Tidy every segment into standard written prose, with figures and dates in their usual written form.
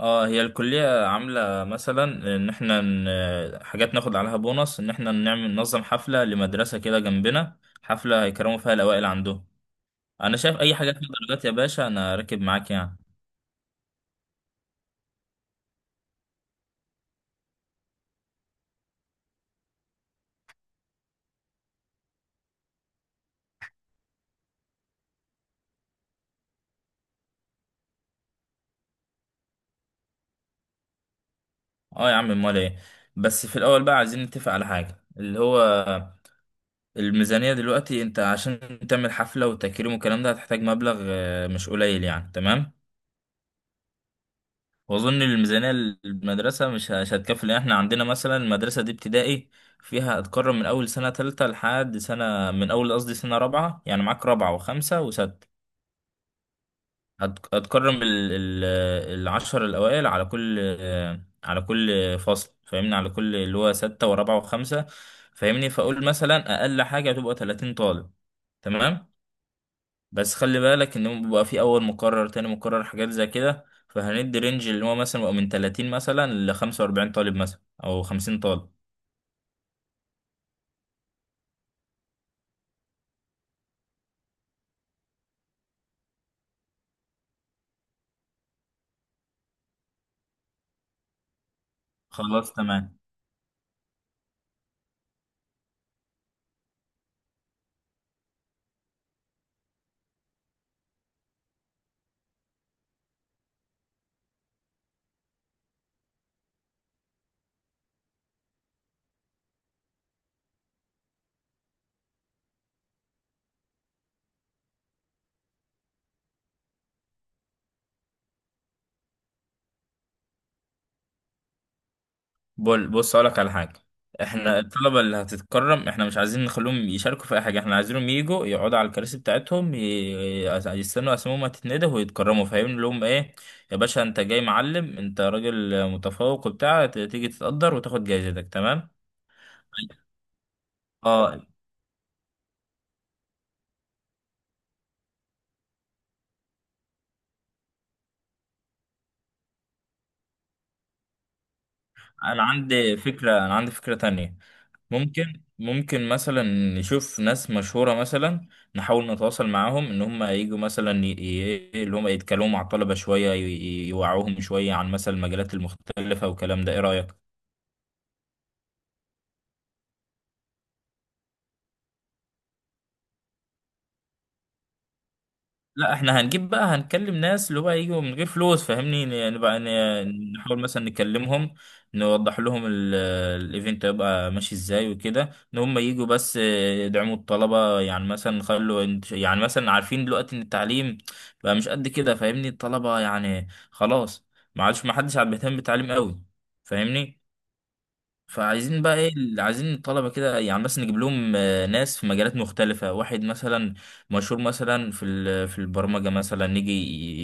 اه هي الكلية عاملة مثلا ان احنا حاجات ناخد عليها بونص، ان احنا نعمل ننظم حفلة لمدرسة كده جنبنا، حفلة هيكرموا فيها الأوائل عندهم. انا شايف اي حاجة فيها درجات يا باشا، انا راكب معاك يعني. اه يا عم، امال ايه؟ بس في الاول بقى عايزين نتفق على حاجة، اللي هو الميزانية. دلوقتي انت عشان تعمل حفلة وتكريم والكلام ده هتحتاج مبلغ مش قليل يعني، تمام؟ واظن الميزانيه المدرسه مش هتكفي، لان احنا عندنا مثلا المدرسه دي ابتدائي فيها، هتكرر من اول سنه ثالثه لحد سنه، من اول قصدي سنه رابعه، يعني معاك رابعه وخمسه وسته. هتكرم العشر الاوائل على كل، على كل فصل، فاهمني؟ على كل اللي هو سته ورابعه وخمسه، فاهمني؟ فاقول مثلا اقل حاجه هتبقى 30 طالب، تمام؟ بس خلي بالك ان هو بيبقى في اول مقرر تاني مقرر حاجات زي كده، فهندي رينج اللي هو مثلا بيبقى من 30 مثلا ل 45 طالب مثلا او 50 طالب. خلاص تمام. بول بص اقولك على حاجه. احنا، الطلبه اللي هتتكرم احنا مش عايزين نخليهم يشاركوا في اي حاجه، احنا عايزينهم يجوا يقعدوا على الكراسي بتاعتهم، يستنوا اسمهم هتتندى ويتكرموا، فاهم لهم ايه؟ يا باشا انت جاي معلم، انت راجل متفوق وبتاع، تيجي تتقدر وتاخد جايزتك، تمام. اه، انا عندي فكره، انا عندي فكره تانية. ممكن مثلا نشوف ناس مشهورة مثلا، نحاول نتواصل معاهم ان هم يجوا مثلا، اللي هم يتكلموا مع الطلبة شوية، يوعوهم شوية عن مثلا المجالات المختلفة والكلام ده، ايه رأيك؟ لا احنا هنجيب بقى، هنكلم ناس اللي هو يجوا من غير فلوس، فاهمني؟ نبقى نحاول مثلا نكلمهم، نوضح لهم الايفنت هيبقى ماشي ازاي وكده، ان هم يجوا بس يدعموا الطلبة. يعني مثلا نخلوا يعني مثلا عارفين دلوقتي ان التعليم بقى مش قد كده، فاهمني؟ الطلبة يعني خلاص، ما عادش، ما حدش عاد بيهتم بالتعليم قوي، فاهمني؟ فعايزين بقى ايه اللي عايزين الطلبه كده يعني، بس نجيب لهم ناس في مجالات مختلفه، واحد مثلا مشهور مثلا في في البرمجه مثلا يجي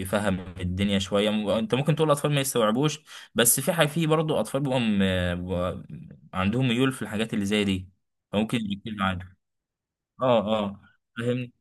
يفهم الدنيا شويه. انت ممكن تقول الاطفال ما يستوعبوش، بس في حاجه، في برضه اطفال بيبقوا عندهم ميول في الحاجات اللي زي دي، فممكن يجيب معانا. اه اه، فاهم.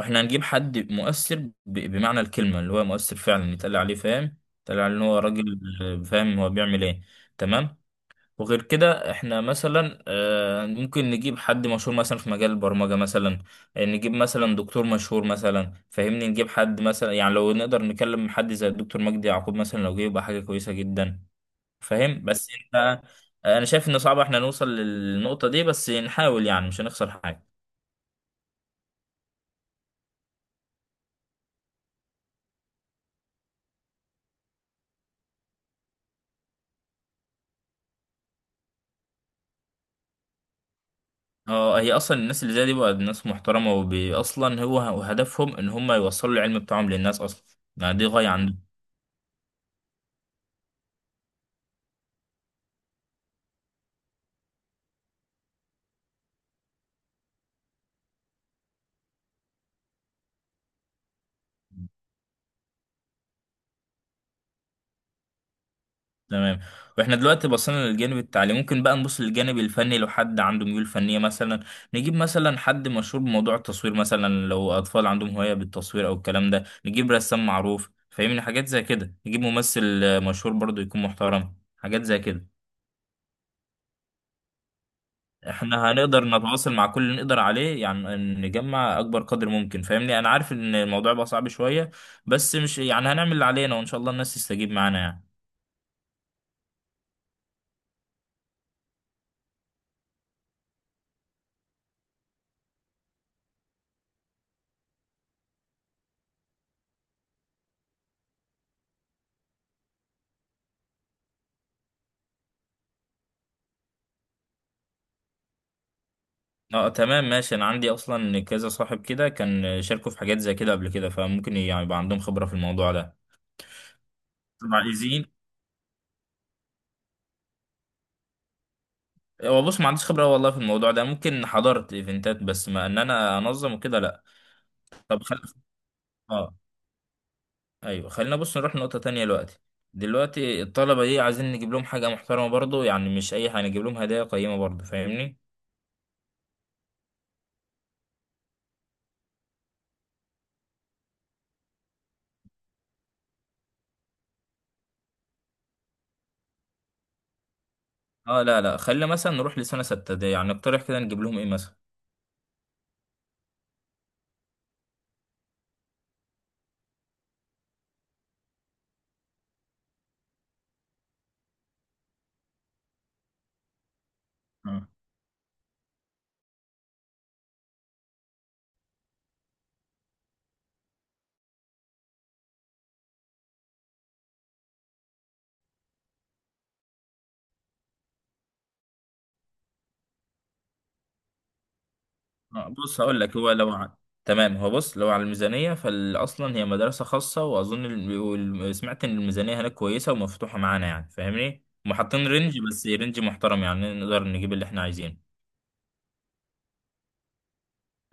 احنا هنجيب حد مؤثر، بمعنى الكلمه اللي هو مؤثر فعلا، يتقال عليه فاهم، يتقال عليه ان هو راجل فاهم هو بيعمل ايه، تمام. وغير كده احنا مثلا ممكن نجيب حد مشهور مثلا في مجال البرمجة مثلا، نجيب مثلا دكتور مشهور مثلا، فاهمني؟ نجيب حد مثلا، يعني لو نقدر نكلم حد زي الدكتور مجدي يعقوب مثلا، لو جه يبقى حاجة كويسة جدا. فاهم؟ بس انت، انا شايف ان صعب احنا نوصل للنقطة دي، بس نحاول يعني مش هنخسر حاجة. اه، هي اصلا الناس اللي زي دي بقى ناس محترمة، وبي اصلا هو هدفهم ان هم يوصلوا العلم بتاعهم للناس اصلا، يعني دي غاية عندهم. تمام. واحنا دلوقتي بصينا للجانب التعليمي، ممكن بقى نبص للجانب الفني، لو حد عنده ميول فنية مثلا، نجيب مثلا حد مشهور بموضوع التصوير مثلا، لو أطفال عندهم هواية بالتصوير أو الكلام ده، نجيب رسام معروف، فاهمني؟ حاجات زي كده، نجيب ممثل مشهور برضو يكون محترم، حاجات زي كده. احنا هنقدر نتواصل مع كل اللي نقدر عليه يعني، نجمع أكبر قدر ممكن، فاهمني؟ أنا عارف إن الموضوع بقى صعب شوية، بس مش يعني، هنعمل اللي علينا وإن شاء الله الناس تستجيب معانا يعني. اه تمام ماشي، انا عندي اصلا كذا صاحب كده كان شاركوا في حاجات زي كده قبل كده، فممكن يعني يبقى عندهم خبرة في الموضوع ده. طبعا ايزين. هو بص ما عنديش خبرة والله في الموضوع ده، ممكن حضرت ايفنتات بس ما ان انا انظم وكده لا. طب خل... اه، ايوه خلينا بص نروح لنقطة تانية دلوقتي. دلوقتي الطلبة دي عايزين نجيب لهم حاجة محترمة برضو، يعني مش اي حاجة، نجيب لهم هدايا قيمة برضو، فاهمني؟ اه لا لا، خلينا مثلا نروح لسنة ستة دي، يعني نقترح كده نجيب لهم ايه مثلا؟ بص هقول لك، تمام، هو بص لو على الميزانية، فأصلا هي مدرسة خاصة، وأظن سمعت إن الميزانية هناك كويسة ومفتوحة معانا يعني، فاهمني؟ وحاطين رينج، بس رينج محترم يعني نقدر نجيب اللي إحنا عايزينه.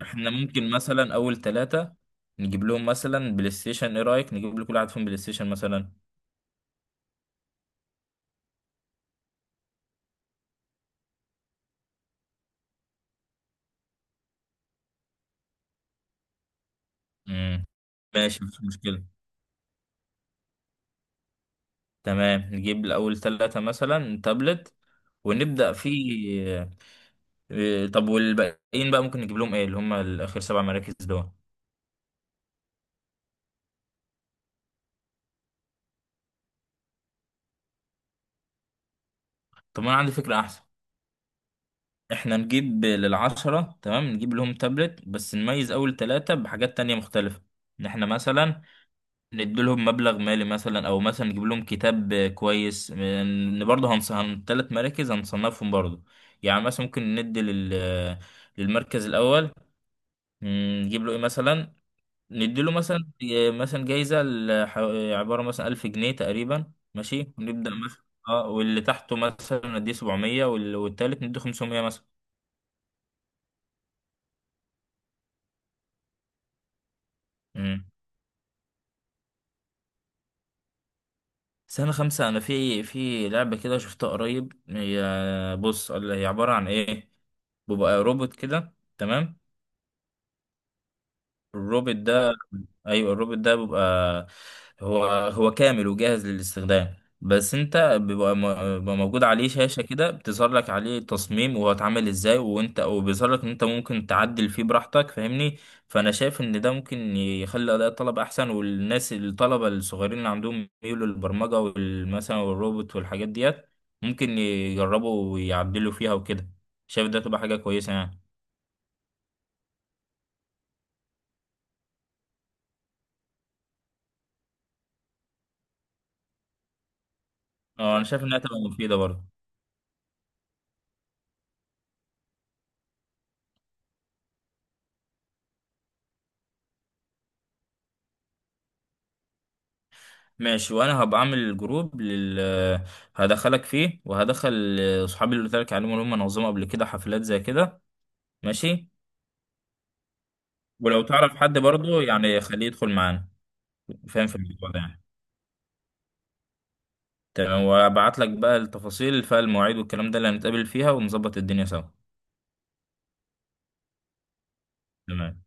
إحنا ممكن مثلا أول ثلاثة نجيب لهم مثلا بلاي ستيشن، إيه رأيك؟ نجيب لكل واحد فيهم بلاي ستيشن مثلا. مم. ماشي مفيش مشكلة. تمام، نجيب لأول ثلاثة مثلا تابلت، ونبدأ في طب والباقيين بقى ممكن نجيب لهم إيه، اللي هم الآخر سبع مراكز دول؟ طب انا عندي فكرة احسن. احنا نجيب للعشرة، تمام نجيب لهم تابلت، بس نميز اول ثلاثة بحاجات تانية مختلفة، ان احنا مثلا نديلهم مبلغ مالي مثلا، او مثلا نجيب لهم كتاب كويس، ان برضه هنص هن ثلاث مراكز هنصنفهم برضه. يعني مثلا ممكن ندي لل للمركز الاول نجيب له ايه مثلا، نديله مثلا مثلا جايزة عبارة مثلا 1000 جنيه تقريبا، ماشي؟ ونبدأ مثلا اه واللي تحته مثلا نديه 700، والتالت نديه 500 مثلا. مم. سنة خمسة، أنا في لعبة كده شفتها قريب، هي بص اللي هي عبارة عن إيه، بيبقى روبوت كده، تمام. الروبوت ده، ايوه الروبوت ده بيبقى، هو هو كامل وجاهز للاستخدام، بس انت بيبقى موجود عليه شاشة كده بتظهر لك عليه التصميم وهو اتعمل ازاي، وانت وبيظهر لك ان انت ممكن تعدل فيه براحتك، فاهمني؟ فانا شايف ان ده ممكن يخلي اداء الطلبة احسن، والناس الطلبة الصغيرين اللي عندهم ميول للبرمجة مثلا والروبوت والحاجات ديت، ممكن يجربوا ويعدلوا فيها وكده، شايف ده تبقى حاجة كويسة يعني. اه، انا شايف انها تبقى مفيدة برضه. ماشي وانا هبقى اعمل جروب لل، هدخلك فيه وهدخل اصحابي اللي قلت لك عليهم اللي هم نظموا قبل كده حفلات زي كده. ماشي. ولو تعرف حد برضه يعني خليه يدخل معانا، فاهم في الموضوع ده يعني. تمام، وابعت لك بقى التفاصيل فالمواعيد والكلام ده اللي هنتقابل فيها ونظبط الدنيا سوا. تمام